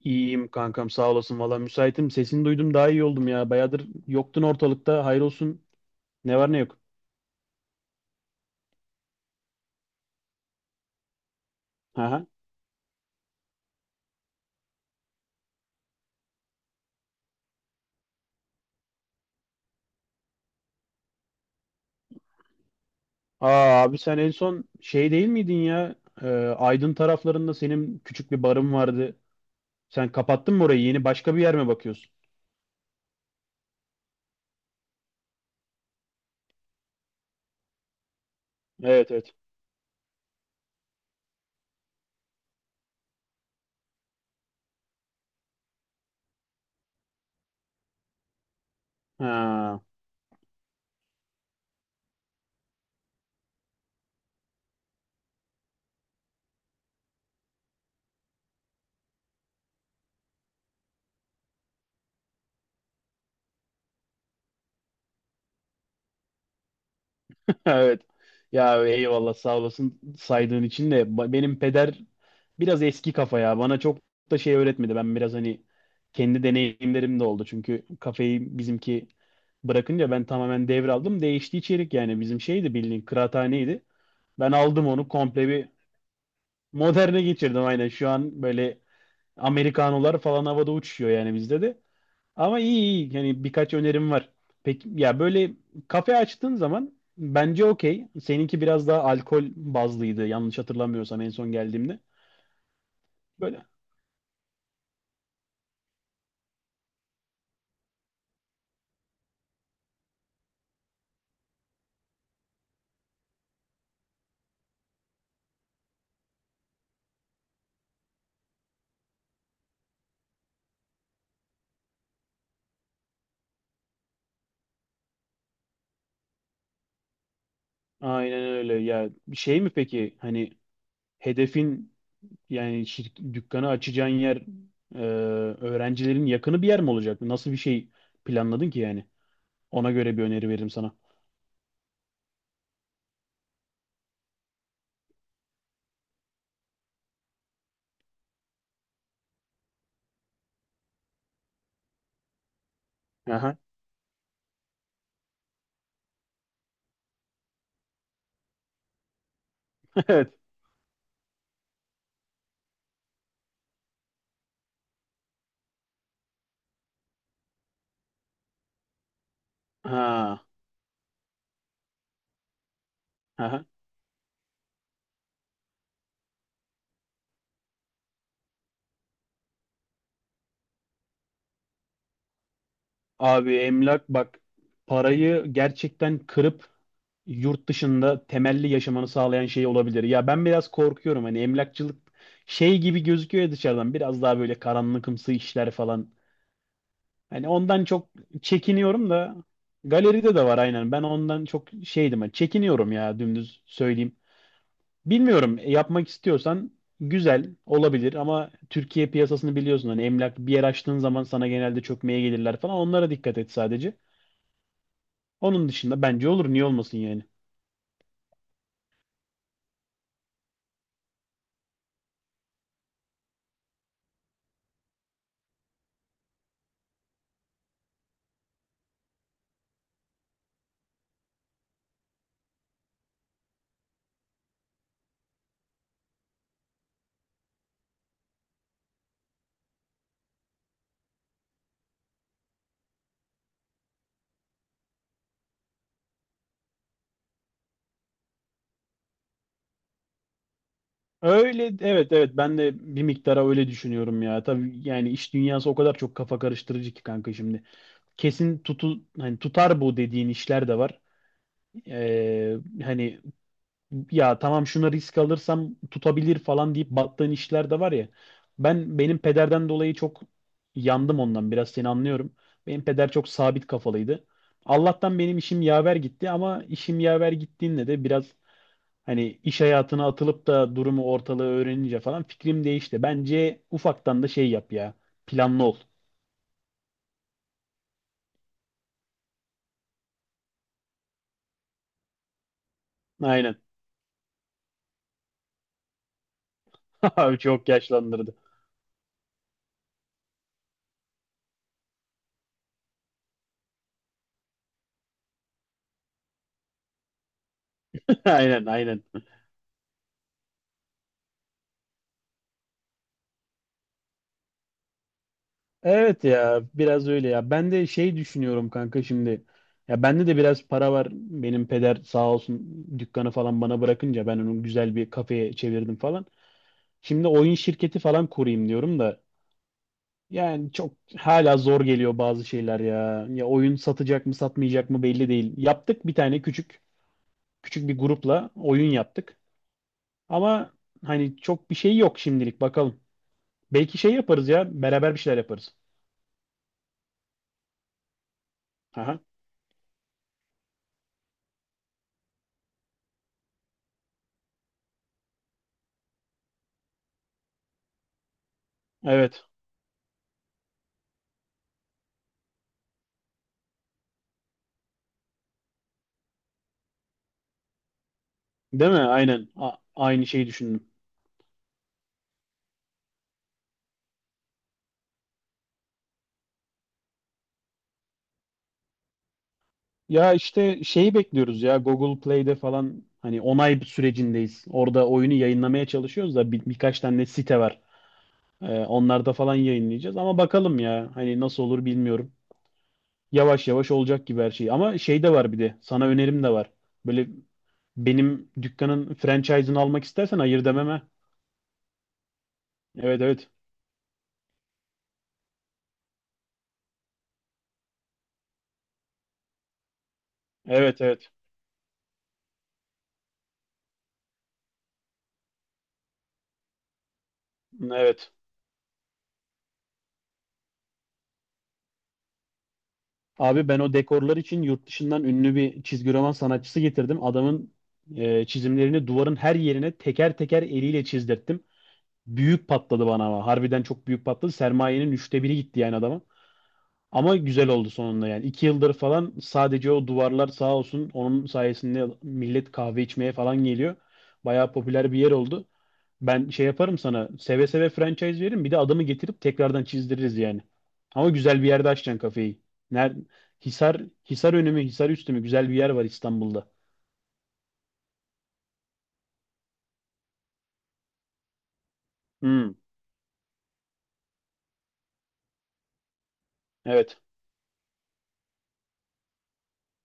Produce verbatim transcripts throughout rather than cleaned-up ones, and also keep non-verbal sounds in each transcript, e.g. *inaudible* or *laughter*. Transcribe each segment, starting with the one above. İyiyim kankam, sağ olasın, valla müsaitim. Sesini duydum, daha iyi oldum ya. Bayağıdır yoktun ortalıkta. Hayır olsun. Ne var ne yok. Aha. Aa abi, sen en son şey değil miydin ya? Ee, Aydın taraflarında senin küçük bir barın vardı. Sen kapattın mı orayı? Yeni başka bir yer mi bakıyorsun? Evet, evet. Ha. *laughs* Evet. Ya eyvallah, sağ olasın saydığın için de ba- benim peder biraz eski kafa ya. Bana çok da şey öğretmedi. Ben biraz hani kendi deneyimlerim de oldu. Çünkü kafeyi bizimki bırakınca ben tamamen devraldım. Değişti içerik, yani bizim şeydi, bildiğin kıraathaneydi. Ben aldım onu komple bir moderne geçirdim aynen. Şu an böyle Amerikanolar falan havada uçuşuyor yani bizde de. Ama iyi iyi. Yani birkaç önerim var. Peki ya böyle kafe açtığın zaman bence okey. Seninki biraz daha alkol bazlıydı yanlış hatırlamıyorsam en son geldiğimde. Böyle aynen öyle. Ya şey mi peki, hani hedefin, yani şirk, dükkanı açacağın yer e, öğrencilerin yakını bir yer mi olacak? Nasıl bir şey planladın ki yani? Ona göre bir öneri veririm sana. Aha. *laughs* Evet. Ha. Aha. Abi emlak bak, parayı gerçekten kırıp yurt dışında temelli yaşamanı sağlayan şey olabilir. Ya ben biraz korkuyorum, hani emlakçılık şey gibi gözüküyor ya dışarıdan, biraz daha böyle karanlıkımsı işler falan. Hani ondan çok çekiniyorum da, galeride de var aynen. Ben ondan çok şeydim, hani çekiniyorum ya, dümdüz söyleyeyim. Bilmiyorum, e, yapmak istiyorsan güzel olabilir ama Türkiye piyasasını biliyorsun. Hani emlak bir yer açtığın zaman sana genelde çökmeye gelirler falan. Onlara dikkat et sadece. Onun dışında bence olur. Niye olmasın yani? Öyle, evet, evet, ben de bir miktara öyle düşünüyorum ya. Tabii yani iş dünyası o kadar çok kafa karıştırıcı ki kanka, şimdi. Kesin tutu hani tutar bu dediğin işler de var. Ee, hani ya tamam, şuna risk alırsam tutabilir falan deyip battığın işler de var ya. Ben benim pederden dolayı çok yandım, ondan biraz seni anlıyorum. Benim peder çok sabit kafalıydı. Allah'tan benim işim yaver gitti ama işim yaver gittiğinde de biraz, hani iş hayatına atılıp da durumu ortalığı öğrenince falan fikrim değişti. Bence ufaktan da şey yap ya. Planlı ol. Aynen. *laughs* Abi çok yaşlandırdı. *laughs* Aynen, aynen. Evet ya, biraz öyle ya. Ben de şey düşünüyorum kanka, şimdi. Ya bende de biraz para var. Benim peder sağ olsun, dükkanı falan bana bırakınca ben onu güzel bir kafeye çevirdim falan. Şimdi oyun şirketi falan kurayım diyorum da. Yani çok hala zor geliyor bazı şeyler ya. Ya oyun satacak mı satmayacak mı belli değil. Yaptık bir tane küçük küçük bir grupla oyun yaptık. Ama hani çok bir şey yok şimdilik, bakalım. Belki şey yaparız ya, beraber bir şeyler yaparız. Aha. Evet. Değil mi? Aynen. A- aynı şeyi düşündüm. Ya işte şeyi bekliyoruz ya, Google Play'de falan hani onay sürecindeyiz. Orada oyunu yayınlamaya çalışıyoruz da bir- birkaç tane site var. Ee, onlarda falan yayınlayacağız ama bakalım ya, hani nasıl olur bilmiyorum. Yavaş yavaş olacak gibi her şey. Ama şey de var bir de. Sana önerim de var. Böyle benim dükkanın franchise'ını almak istersen hayır dememe. Evet, evet. Evet, evet. Evet. Abi ben o dekorlar için yurt dışından ünlü bir çizgi roman sanatçısı getirdim. Adamın e, çizimlerini duvarın her yerine teker teker eliyle çizdirttim. Büyük patladı bana ama. Harbiden çok büyük patladı. Sermayenin üçte biri gitti yani adama. Ama güzel oldu sonunda yani. iki yıldır falan sadece o duvarlar sağ olsun, onun sayesinde millet kahve içmeye falan geliyor. Bayağı popüler bir yer oldu. Ben şey yaparım, sana seve seve franchise veririm, bir de adamı getirip tekrardan çizdiririz yani. Ama güzel bir yerde açacaksın kafeyi. Ner Hisar, Hisar önü mü Hisar üstü mü, güzel bir yer var İstanbul'da. Hmm, evet.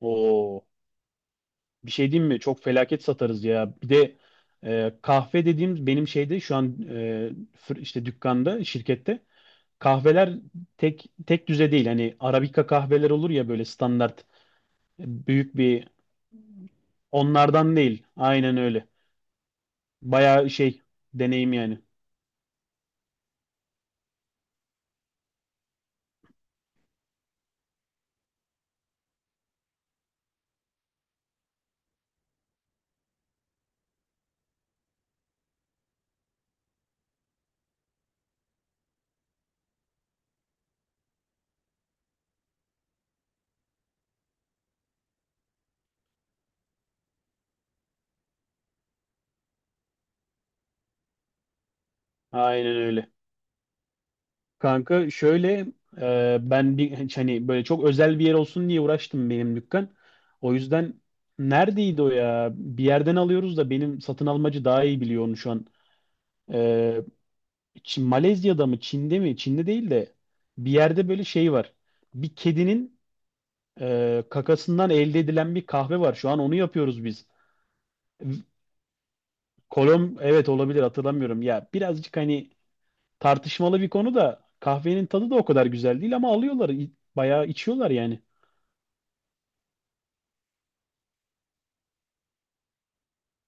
Oo, bir şey diyeyim mi? Çok felaket satarız ya. Bir de e, kahve dediğim benim şeyde şu an, e, fır- işte dükkanda, şirkette kahveler tek tek düze değil. Hani Arabika kahveler olur ya, böyle standart büyük bir, onlardan değil. Aynen öyle. Bayağı şey, deneyim yani. Aynen öyle. Kanka şöyle, e, ben bir hani böyle çok özel bir yer olsun diye uğraştım benim dükkan. O yüzden neredeydi o ya? Bir yerden alıyoruz da, benim satın almacı daha iyi biliyor onu şu an. E, Çin, Malezya'da mı Çin'de mi? Çin'de değil de bir yerde böyle şey var. Bir kedinin e, kakasından elde edilen bir kahve var. Şu an onu yapıyoruz biz. Kolom evet olabilir, hatırlamıyorum. Ya birazcık hani tartışmalı bir konu da, kahvenin tadı da o kadar güzel değil ama alıyorlar. i- Bayağı içiyorlar yani.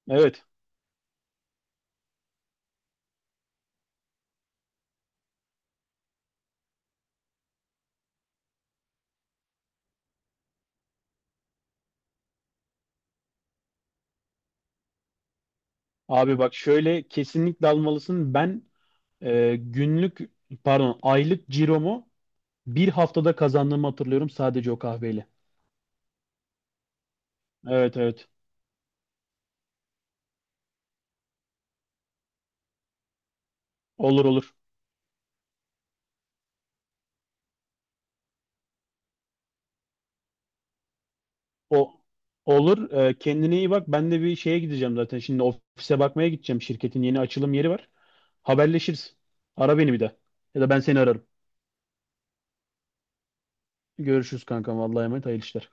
Evet. Abi bak şöyle, kesinlikle almalısın. Ben e, günlük, pardon, aylık ciromu bir haftada kazandığımı hatırlıyorum sadece o kahveyle. Evet, evet. Olur, olur. O olur. Ee, kendine iyi bak. Ben de bir şeye gideceğim zaten. Şimdi ofise bakmaya gideceğim. Şirketin yeni açılım yeri var. Haberleşiriz. Ara beni bir de. Ya da ben seni ararım. Görüşürüz kankam. Vallahi emanet. Hayırlı işler.